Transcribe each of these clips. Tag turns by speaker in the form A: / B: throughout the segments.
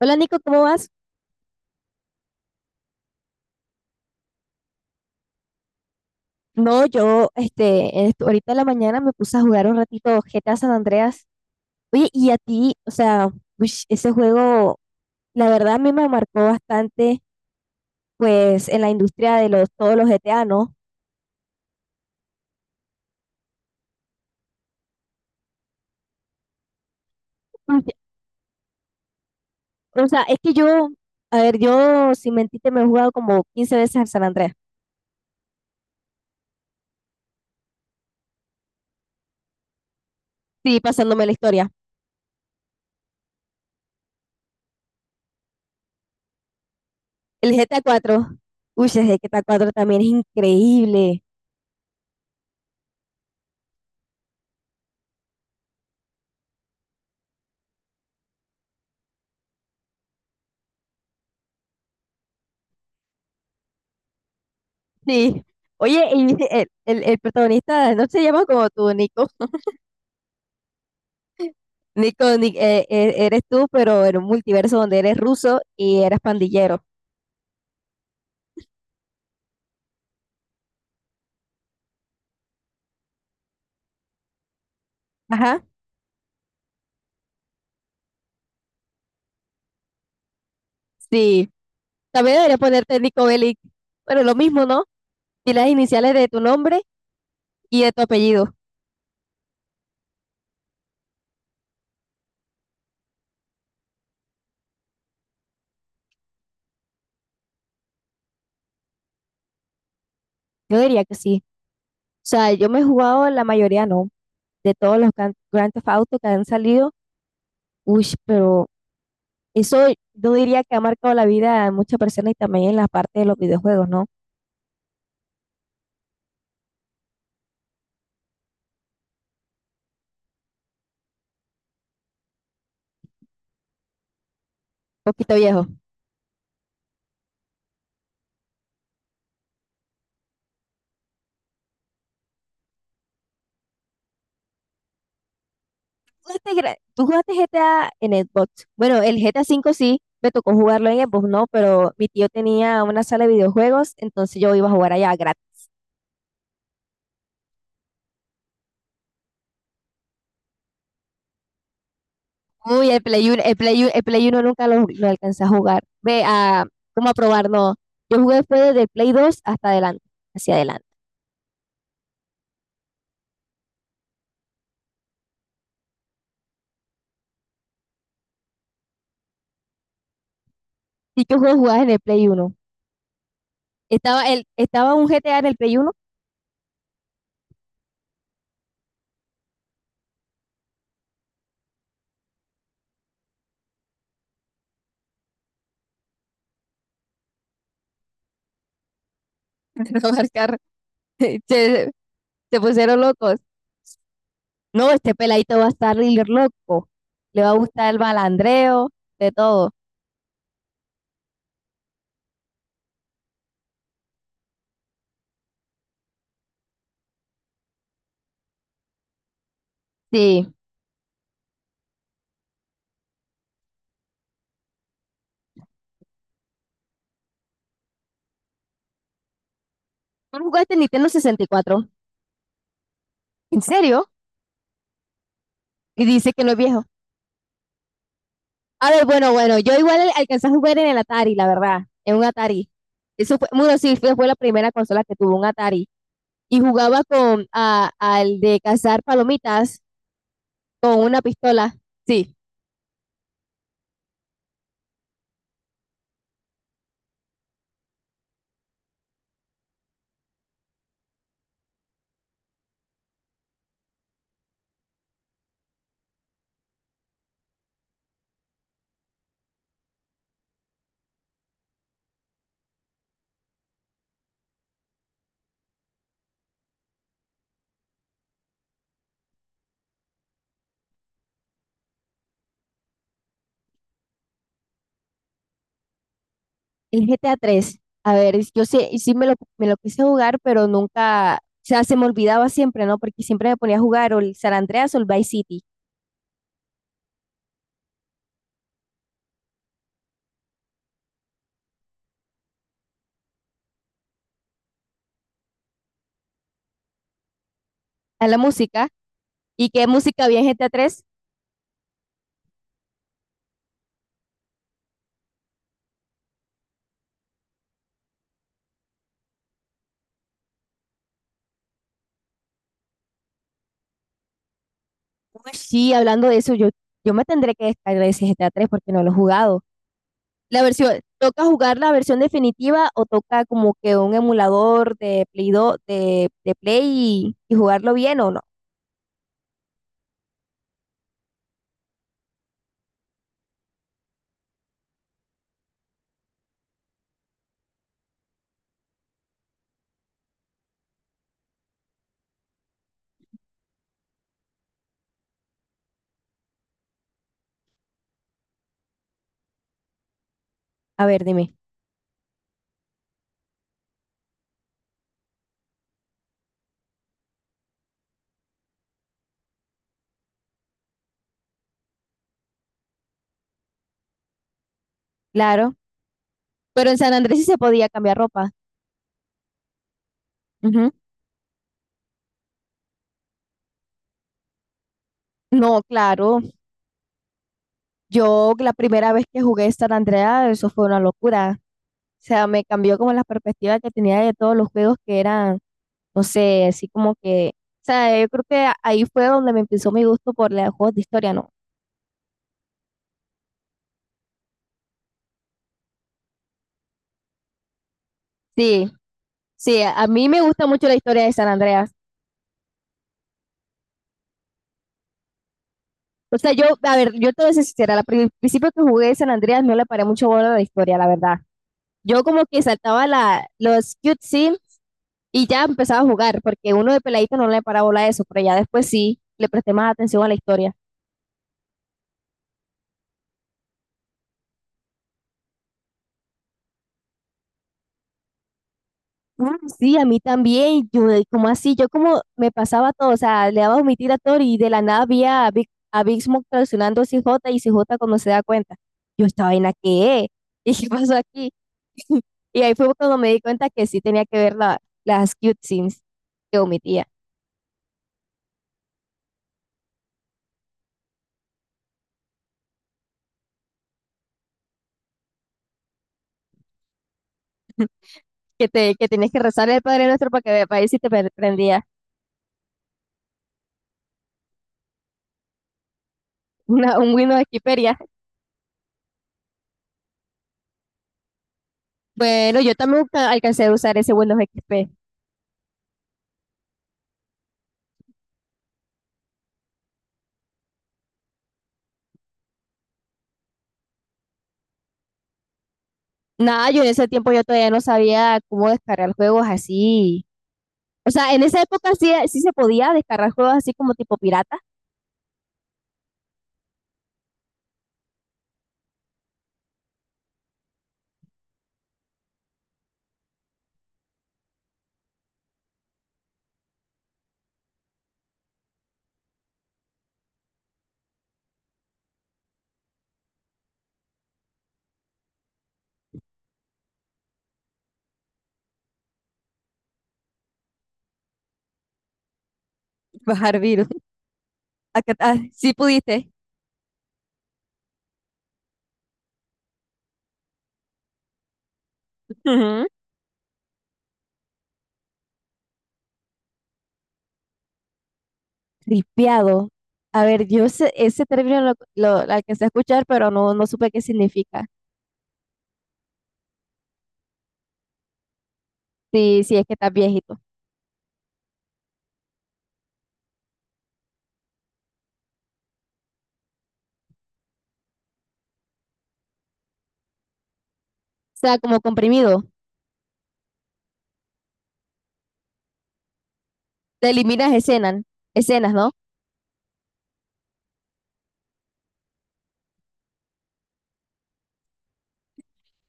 A: Hola Nico, ¿cómo vas? No, yo este, ahorita en la mañana me puse a jugar un ratito GTA San Andreas. Oye, y a ti, o sea, uish, ese juego, la verdad a mí me marcó bastante, pues, en la industria todos los GTA, ¿no? Uy, o sea, es que yo, a ver, yo, sin mentirte, me he jugado como 15 veces al San Andreas. Sí, pasándome la historia. El GTA 4, uy, el GTA 4 también es increíble. Sí. Oye, y el protagonista, ¿no se llama como tú, Nico? Nico, eres tú, pero en un multiverso donde eres ruso y eres pandillero. Ajá, sí. También debería ponerte Nico Bellic. Bueno, lo mismo, ¿no? Y las iniciales de tu nombre y de tu apellido. Yo diría que sí. O sea, yo me he jugado la mayoría, no. De todos los Grand Theft Auto que han salido. Uy, pero eso yo diría que ha marcado la vida de muchas personas y también en la parte de los videojuegos, ¿no? Poquito viejo. ¿Tú jugaste GTA en Xbox? Bueno, el GTA 5 sí, me tocó jugarlo en Xbox, no, pero mi tío tenía una sala de videojuegos, entonces yo iba a jugar allá gratis. Uy, el Play uno nunca lo alcancé a jugar. Ve a, ¿cómo a probar? No, yo jugué después desde el Play dos hasta adelante, hacia adelante. ¿Y qué juego jugabas en el Play uno? Estaba un GTA en el Play uno. No, Oscar, se, se pusieron locos. No, este peladito va a estar líder loco, le va a gustar el balandreo, de todo. Sí. ¿Tú no jugaste en Nintendo 64? ¿En serio? Y dice que no es viejo. A ver, bueno, bueno, yo igual alcancé a jugar en el Atari, la verdad, en un Atari. Eso fue, bueno, sí, fue la primera consola que tuvo un Atari. Y jugaba con al de cazar palomitas con una pistola. Sí, el GTA 3. A tres. A ver, yo sí, y sí me lo quise jugar, pero nunca, o sea, se me olvidaba siempre, ¿no? Porque siempre me ponía a jugar o el San Andreas o el Vice City a la música. ¿Y qué música había en GTA 3? Sí, hablando de eso, yo me tendré que descargar ese GTA 3 porque no lo he jugado. La versión, ¿toca jugar la versión definitiva o toca como que un emulador de Play y jugarlo bien o no? A ver, dime. Claro. Pero en San Andrés sí se podía cambiar ropa. Ujú. No, claro. Yo la primera vez que jugué San Andreas, eso fue una locura. O sea, me cambió como las perspectivas que tenía de todos los juegos que eran no sé, así como que, o sea, yo creo que ahí fue donde me empezó mi gusto por los juegos de historia, ¿no? Sí, sí, a mí me gusta mucho la historia de San Andreas. O sea, yo, a ver, yo te voy a ser sincera, al principio que jugué de San Andreas no le paré mucho bola a la historia, la verdad. Yo como que saltaba la, los cutscenes y ya empezaba a jugar, porque uno de peladito no le paraba bola a eso, pero ya después sí le presté más atención a la historia. Uh, sí, a mí también. Yo, ¿cómo así? Yo como me pasaba todo, o sea, le daba omitir a Thor y de la nada había a Big Smoke traicionando a CJ y CJ cuando se da cuenta. Yo, ¿esta vaina qué es? ¿Y qué pasó aquí? Y ahí fue cuando me di cuenta que sí tenía que ver la, las cute scenes que omitía. Que tenías que rezar el Padre Nuestro para ver si te prendía una, un Windows XP ya. Bueno, yo también alcancé a usar ese Windows XP. Nada, yo en ese tiempo yo todavía no sabía cómo descargar juegos así. O sea, en esa época sí, sí se podía descargar juegos así como tipo pirata. Bajar virus. Acá, ah, sí pudiste. Ujú. Ripiado. A ver, yo ese término lo alcancé a escuchar, pero no, no supe qué significa. Sí, sí, es que estás viejito. O sea, como comprimido. Te eliminas escenas, escenas, ¿no?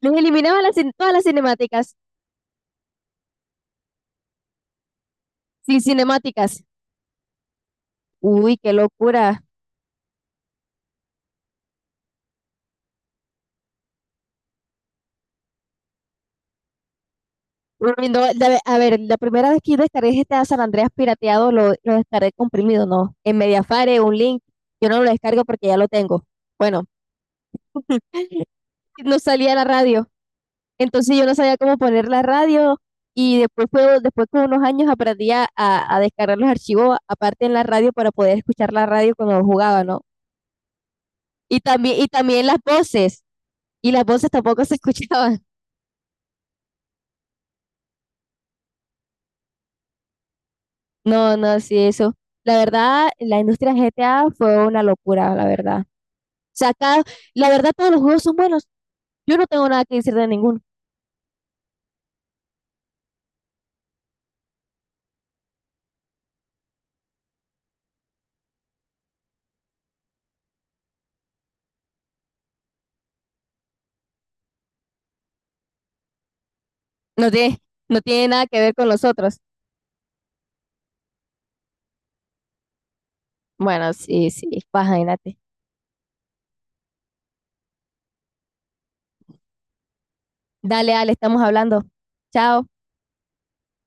A: Les eliminaba todas las cinemáticas. Sin cinemáticas. Uy, qué locura. Uy, no, a ver, la primera vez que yo descargué GTA San Andreas pirateado, lo descargué comprimido, no. En Mediafire, un link, yo no lo descargo porque ya lo tengo. Bueno, no salía la radio, entonces yo no sabía cómo poner la radio y después con unos años aprendí a descargar los archivos aparte en la radio para poder escuchar la radio cuando jugaba, ¿no? Y también las voces tampoco se escuchaban. No, no, sí, eso. La verdad, la industria GTA fue una locura, la verdad. sea, cada- la verdad todos los juegos son buenos. Yo no tengo nada que decir de ninguno. No tiene, no tiene nada que ver con los otros. Bueno, sí, sí, pues, imagínate. Dale, Ale, estamos hablando. Chao.